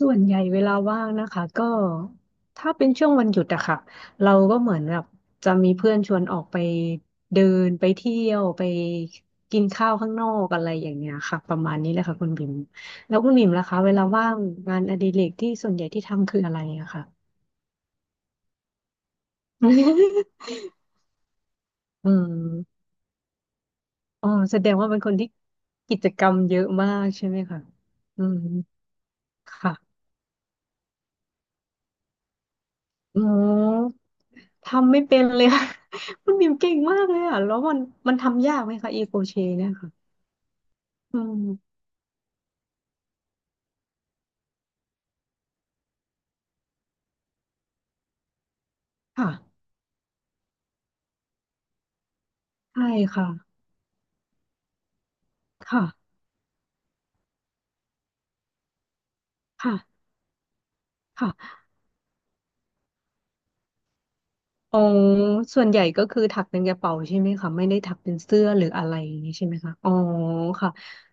ส่วนใหญ่เวลาว่างนะคะก็ถ้าเป็นช่วงวันหยุดอะค่ะเราก็เหมือนแบบจะมีเพื่อนชวนออกไปเดินไปเที่ยวไปกินข้าวข้างนอกอะไรอย่างเงี้ยค่ะประมาณนี้แหละค่ะคุณบิ่มแล้วคุณบิ่มล่ะคะเวลาว่างงานอดิเรกที่ส่วนใหญ่ที่ทำคืออะไรอะค่ะ อืมอ๋อแสดงว่าเป็นคนที่กิจกรรมเยอะมากใช่ไหมคะอืมค่ะอ๋อ ทำไม่เป็นเลยค่ะ คุณบิมเก่งมากเลยอ่ะแล้วมันทำยากไหมคะอีโคเชเนี่ยค่ะอืมค่ะใช่ค่ะค่ะค่ะค่ะอ๋อส่วนใหญ่ก็คือถักเป็นกระเป๋าใช่ไหมคะไม่ได้ถักเป็นเสื้อหรืออะไรอย่างนี้ใช่ไหมคะอ๋อค่ะ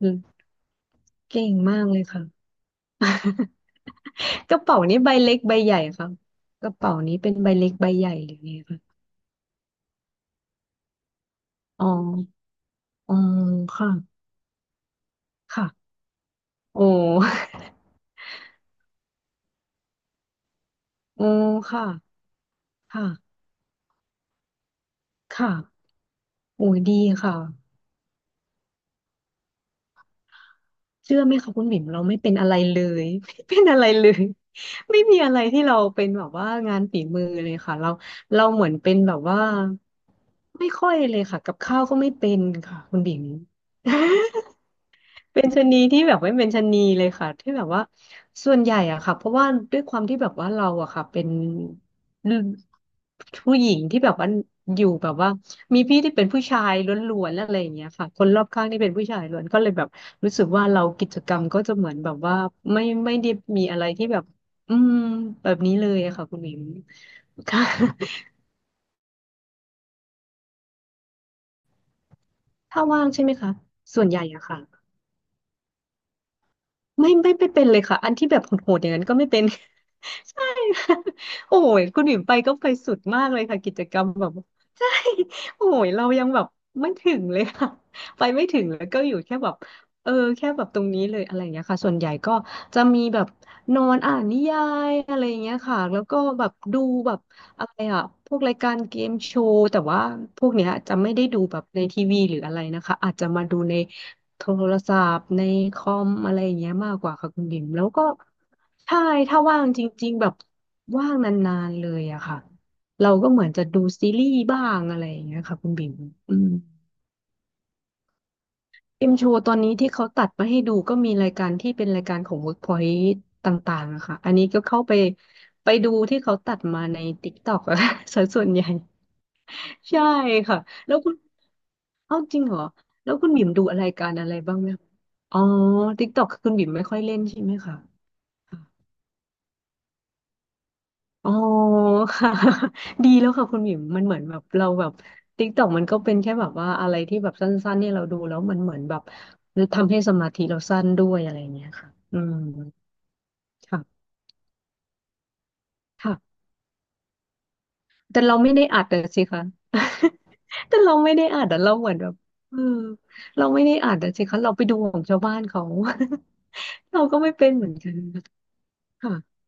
อืมเก่งมากเลยค่ะ กระเป๋านี้ใบเล็กใบใหญ่ค่ะกระเป๋านี้เป็นใบเล็กใบใหญ่หรือไงคะอ๋ออ๋อค่ะค่ะโอ้ โอ้ค่ะค่ะค่ะ โอ้ยดีค่ะเชื่อไหมคะคุณบิ่มเราไม่เป็นอะไรเลย ไม่เป็นอะไรเลย ไม่มีอะไรที่เราเป็นแบบว่างานฝีมือเลยค่ะเราเหมือนเป็นแบบว่าไม่ค่อยเลยค่ะกับข้าวก็ไม่เป็นค่ะคุณบิ่ม เป็นชะนีที่แบบไม่เป็นชะนีเลยค่ะที่แบบว่าส่วนใหญ่อะค่ะเพราะว่าด้วยความที่แบบว่าเราอะค่ะเป็นผู้หญิงที่แบบว่าอยู่แบบว่ามีพี่ที่เป็นผู้ชายล้วนๆและอะไรอย่างเงี้ยค่ะคนรอบข้างที่เป็นผู้ชายล้วนก็เลยแบบรู้สึกว่าเรากิจกรรมก็จะเหมือนแบบว่าไม่ได้มีอะไรที่แบบอืมแบบนี้เลยอะค่ะคุณหมิงค่ะ ถ้าว่างใช่ไหมคะส่วนใหญ่อะค่ะ ไม่เป็นเลยค่ะอันที่แบบโหดๆอย่างนั้นก็ไม่เป็น ใช่ค่ะโอ้ยคุณหวิมไปก็ไปสุดมากเลยค่ะกิจกรรมแบบ ใช่โอ้ยเรายังแบบไม่ถึงเลยค่ะไปไม่ถึงแล้วก็อยู่แค่แบบเออแค่แบบตรงนี้เลยอะไรอย่างเงี้ยค่ะส่วนใหญ่ก็จะมีแบบนอนอ่านนิยายอะไรอย่างเงี้ยค่ะแล้วก็แบบดูแบบอะไรอ่ะพวกรายการเกมโชว์แต่ว่าพวกเนี้ยจะไม่ได้ดูแบบในทีวีหรืออะไรนะคะอาจจะมาดูใน โทรศัพท์ในคอมอะไรอย่างเงี้ยมากกว่าค่ะคุณบิ่มแล้วก็ใช่ถ้าว่างจริงๆแบบว่างนานๆเลยอะค่ะเราก็เหมือนจะดูซีรีส์บ้างอะไรอย่างเงี้ยค่ะคุณบิ่มอืมเอ็มโชว์ตอนนี้ที่เขาตัดมาให้ดูก็มีรายการที่เป็นรายการของ Workpoint ต่างๆอะค่ะอันนี้ก็เข้าไปไปดูที่เขาตัดมาใน TikTok อะ ส่วน ส่วนใหญ่ ใช่ค่ะแล้วคุณเอ้าจริงเหรอแล้วคุณบิ่มดูอะไรการอะไรบ้างไหมคะอ๋อติ๊กต็อกคุณบิ่มไม่ค่อยเล่นใช่ไหมคะค่ะอ๋อค่ะ ดีแล้วค่ะคุณบิ่มมันเหมือนแบบเราแบบติ๊กต็อกมันก็เป็นแค่แบบว่าอะไรที่แบบสั้นๆเนี่ยเราดูแล้วมันเหมือนแบบทำให้สมาธิเราสั้นด้วยอะไรอย่างเงี้ยค่ะอืมค่ะ แต่เราไม่ได้อัดอะสิคะ แต่เราไม่ได้อัดอะเราเหมือนแบบเออเราไม่ได้อัดอะสิคะเราไปดูของชาวบ้านเขา เราก็ไม่เป็นเหมือนกันค่ะ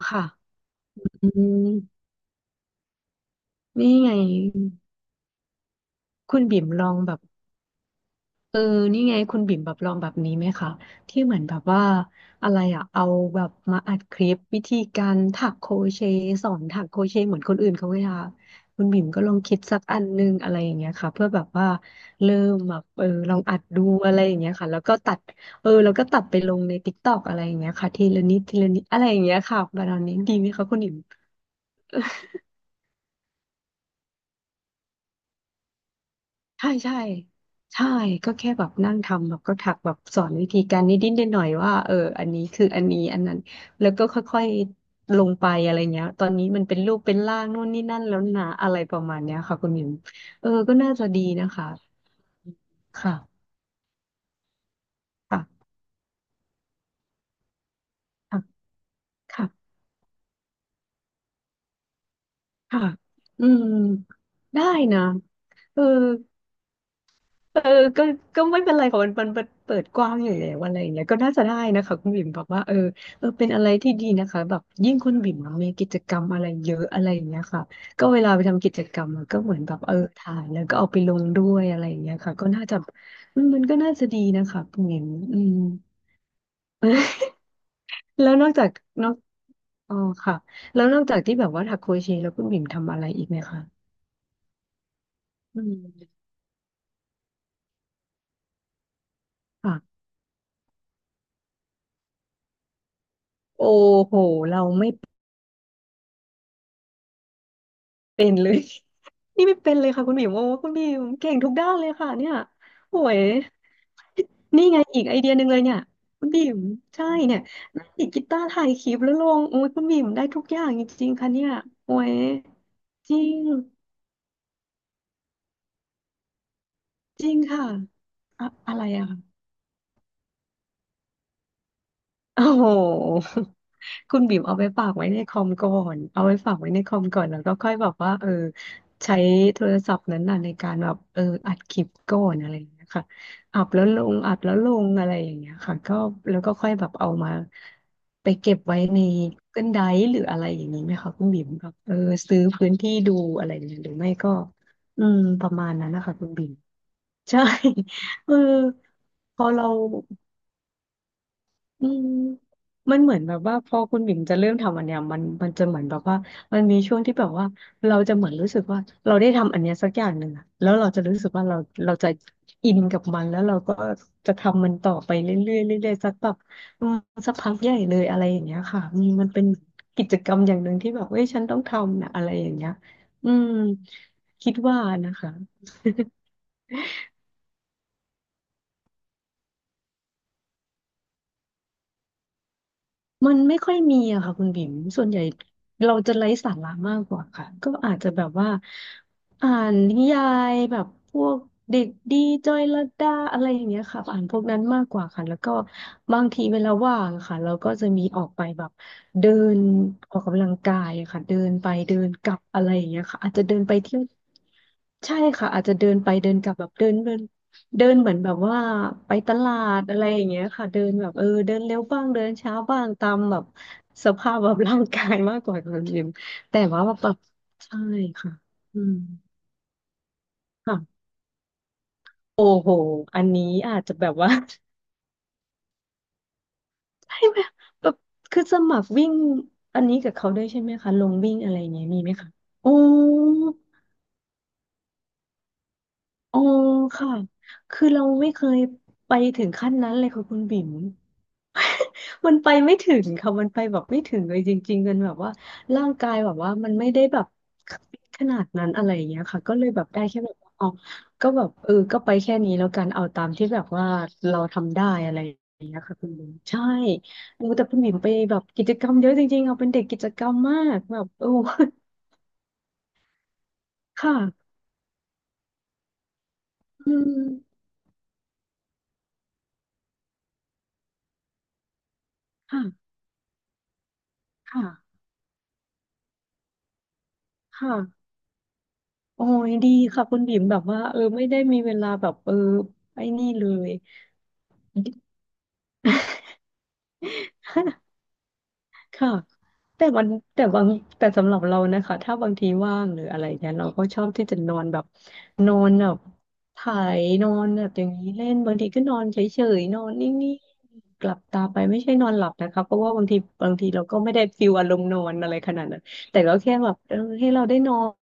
ค่ะอืมนี่ไงคุณบิ่มลองแบบ เออนี่ไงคุณบิ่มแบบลองแบบนี้ไหมคะที่เหมือนแบบว่าอะไรอะเอาแบบมาอัดคลิปวิธีการถักโครเชต์สอนถักโครเชต์เหมือนคนอื่นเขาเวลาคุณบิ่มก็ลองคิดสักอันนึงอะไรอย่างเงี้ยค่ะเพื่อแบบว่าเริ่มแบบเออลองอัดดูอะไรอย่างเงี้ยค่ะแล้วก็ตัดเออแล้วก็ตัดไปลงใน t ิกตอกอะไรอย่างเงี้ยค่ะทีละนิดทีละนิดอะไรอย่างเงี้ยค่ะประมาณนี้ดีไหมคะคุณบิ่ม ใช่ใช่ใช่ก็แค่แบบนั่งทำแบบก็ถักแบบสอนวิธีการนิดนิดหน่อยๆว่าเอออันนี้คืออันนี้อันนั้นแล้วก็ค่อยๆลงไปอะไรเงี้ยตอนนี้มันเป็นรูปเป็นร่างนู่นนี่นั่นแล้วนะอะไรประมาณเนี้ยค่ะคุณหมิวเออก็น่าจะดีนะคะค่ะค่ะค่ะค่ะค่ะอืมได้นะเออ เออก็ก็ไม่เป็นไรค่ะมันเปิดกว้างอยู่แล้วอะไรอย่างเงี้ยก็น่าจะได้นะคะคุณบิ่มบอกว่าเออเป็นอะไรที่ดีนะคะแบบยิ่งคุณบิ่มอะมีกิจกรรมอะไรเยอะอะไรอย่างเงี้ยค่ะก็เวลาไปทำกิจกรรมอะก็เหมือนแบบเออถ่ายแล้วก็เอาไปลงด้วยอะไรอย่างเงี้ยค่ะก็น่าจะมันก็น่าจะดีนะคะคุณบิ่มอืม แล้วนอกจากนอกอ๋อค่ะแล้วนอกจากที่แบบว่าถักโครเชต์แล้วคุณบิ่มทำอะไรอีกไหมคะอืมค่ะโอ้โหเราไม่เป็นเลย นี่ไม่เป็นเลยค่ะคุณหมิวโอ้คุณหมิวเก่งทุกด้านเลยค่ะเนี่ยโอ้ยนี่ไงอีกไอเดียหนึ่งเลยเนี่ยคุณบิ่มใช่เนี่ยนั่งดีดกีตาร์ถ่ายคลิปแล้วลงโอ้ยคุณบิ่มได้ทุกอย่างจริงๆค่ะเนี่ยโอ้ยจริงจริงค่ะอะอะไรอะ โอ้โหคุณบิ่มเอาไปฝากไว้ในคอมก่อนเอาไว้ฝากไว้ในคอมก่อนแล้วก็ค่อยแบบว่าเออใช้โทรศัพท์นั้นน่ะในการแบบเอออัดคลิปก่อนอะไรอย่างเงี้ยค่ะอัดแล้วลงอัดแล้วลงอะไรอย่างเงี้ยค่ะก็แล้วก็ค่อยแบบเอามาไปเก็บไว้ใน Google Drive หรืออะไรอย่างนี้ไหมคะคุณบิ่มแบบเออซื้อพื้นที่ดูอะไรอย่างเงี้ยหรือไม่ก็อืมประมาณนั้นนะคะคุณบิ่มใช่ เออพอเรา อืมมันเหมือนแบบว่าพอคุณบิ่มจะเริ่มทำอันเนี้ยมันจะเหมือนแบบว่ามันมีช่วงที่แบบว่าเราจะเหมือนรู้สึกว่าเราได้ทำอันเนี้ยสักอย่างหนึ่งอะแล้วเราจะรู้สึกว่าเราจะอินกับมันแล้วเราก็จะทำมันต่อไปเรื่อยๆเรื่อยๆสักแบบอืมสักพักใหญ่เลยอะไรอย่างเงี้ยค่ะอืมมันเป็นกิจกรรมอย่างหนึ่งที่แบบเอ้ยฉันต้องทำนะอะไรอย่างเงี้ยอืมคิดว่านะคะ มันไม่ค่อยมีอะค่ะคุณบิ๋มส่วนใหญ่เราจะไร้สาระมากกว่าค่ะก็อาจจะแบบว่าอ่านนิยายแบบพวกเด็กดีจอยลดดาอะไรอย่างเงี้ยค่ะอ่านพวกนั้นมากกว่าค่ะแล้วก็บางทีเวลาว่างอะค่ะเราก็จะมีออกไปแบบเดินออกกำลังกายอะค่ะเดินไปเดินกลับอะไรอย่างเงี้ยค่ะอาจจะเดินไปเที่ยวใช่ค่ะอาจจะเดินไปเดินกลับแบบเดินเดิน เดินเหมือนแบบว่าไปตลาดอะไรอย่างเงี้ยค่ะเดินแบบเออเดินเร็วบ้างเดินช้าบ้างตามแบบสภาพแบบร่างกายมากกว่าความจริงแต่ว่าแบบใช่ค่ะอืมค่ะแต่ว่า ใช่ไหมแบบคือสมัครวิ่งอันนี้กับเขาด้วยใช่ไหมคะลงวิ่งอะไรอย่างเงี้ยมีไหมคะโอ้ อ๋อค่ะ คือเราไม่เคยไปถึงขั้นนั้นเลยค่ะคุณบิ่ม มันไปไม่ถึงค่ะมันไปแบบไม่ถึงเลยจริงๆมันแบบว่าร่างกายแบบว่ามันไม่ได้แบบขนาดนั้นอะไรอย่างเงี้ยค่ะก็เลยแบบได้แค่แบบว่าอ๋อาก็แบบเออก็ไปแค่นี้แล้วกันเอาตามที่แบบว่าเราทำได้อะไรอย่างเงี้ยค่ะคุณบิ่มใช่โอ้แต่คุณบิ่มไปแบบกิจกรรมเยอะจริงๆเอาเป็นเด็กกิจกรรมมากแบบโอ้ ค่ะอืมค่ะค่ะค่ะ โอ้ยดีค่ะคุณบิ่มแบบว่าเออไม่ได้มีเวลาแบบเออไอ้นี่เลย ค่ะแต่มันแต่บางแต่สำหรับเรานะคะถ้าบางทีว่างหรืออะไรเนี่ยเราก็ชอบที่จะนอนแบบนอนแบบไถ่ายนอนแบบอย่างนี้เล่นบางทีก็นอนเฉยๆนอนนิ่งๆกลับตาไปไม่ใช่นอนหลับนะคะเพราะว่าบางทีเราก็ไม่ได้ฟิลอารมณ์นอนอะไรขนาดนั้นแต่ก็แค่แบบเออให้เราได้นอน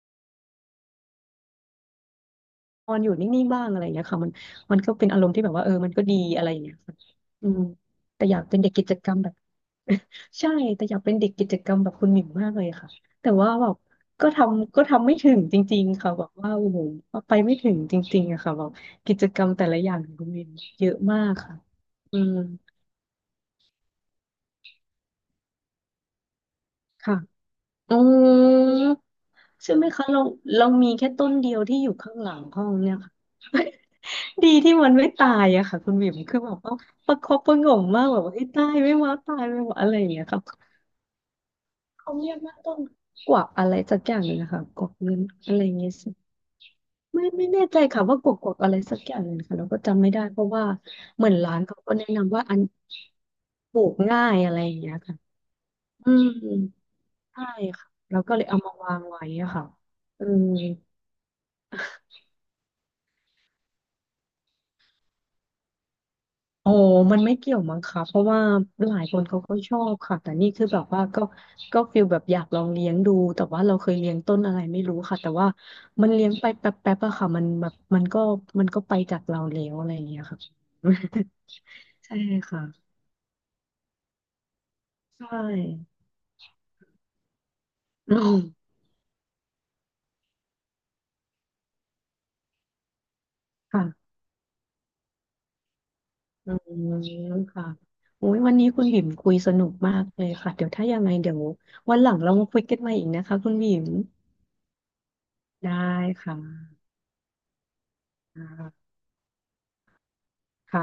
นอนอยู่นิ่งๆบ้างอะไรอย่างเงี้ยค่ะมันก็เป็นอารมณ์ที่แบบว่าเออมันก็ดีอะไรอย่างเงี้ยค่ะอืมแต่อยากเป็นเด็กกิจกรรมแบบ ใช่แต่อยากเป็นเด็กกิจกรรมแบบคุณหมิ่งมากเลยค่ะแต่ว่าแบบก็ทำไม่ถึงจริงๆค่ะแบบว่าโอ้โหไปไม่ถึงจริงๆอะค่ะแบบกิจกรรมแต่ละอย่างของคุณหมิ่งเยอะมากค่ะอืมค่ะอืมใช่ไหมคะเรามีแค่ต้นเดียวที่อยู่ข้างหลังห้องเนี่ยค่ะ ดีที่มันไม่ตายอะค่ะคุณบิ๋มคือแบบว่าประคบประหงมมากแบบว่าไอ้ยตายไม่ว่าตายไม่ว่าอะไรอย่างเงี้ยครับเขาเรียกว่าต้นกวักอะไรสักอย่างหนึงนะคะกวักเงินอะไรอย่างเงี้ยสิไม่แน่ใจค่ะว่ากวักอะไรสักอย่างหนึงค่ะเราก็จำไม่ได้เพราะว่าเหมือนร้านเขาก็แนะนำว่าอันปลูกง่ายอะไรอย่างเงี้ยค่ะอืมใช่ค่ะเราก็เลยเอามาวางไว้อะค่ะอืม โอ้มันไม่เกี่ยวมั้งคะเพราะว่าหลายคนเขาก็ชอบค่ะแต่นี่คือแบบว่าก็ฟีลแบบอยากลองเลี้ยงดูแต่ว่าเราเคยเลี้ยงต้นอะไรไม่รู้ค่ะ แต่ว่ามันเลี้ยงไปแป๊บๆอะค่ะมันแบบมันก็ไปจากเราแล้วอะไรอย่างเงี้ยค่ะ ใช่ค่ะใช่อืมค่ะอืมค่ะโอ้ยวันนี้คุณบิ่มคุยสนุกมากเลยค่ะเดี๋ยวถ้ายังไงเดี๋ยววันหลังเรามาคุยกันใหม่อีกนะคะคุณบิ่มได้ค่ะอ่าค่ะ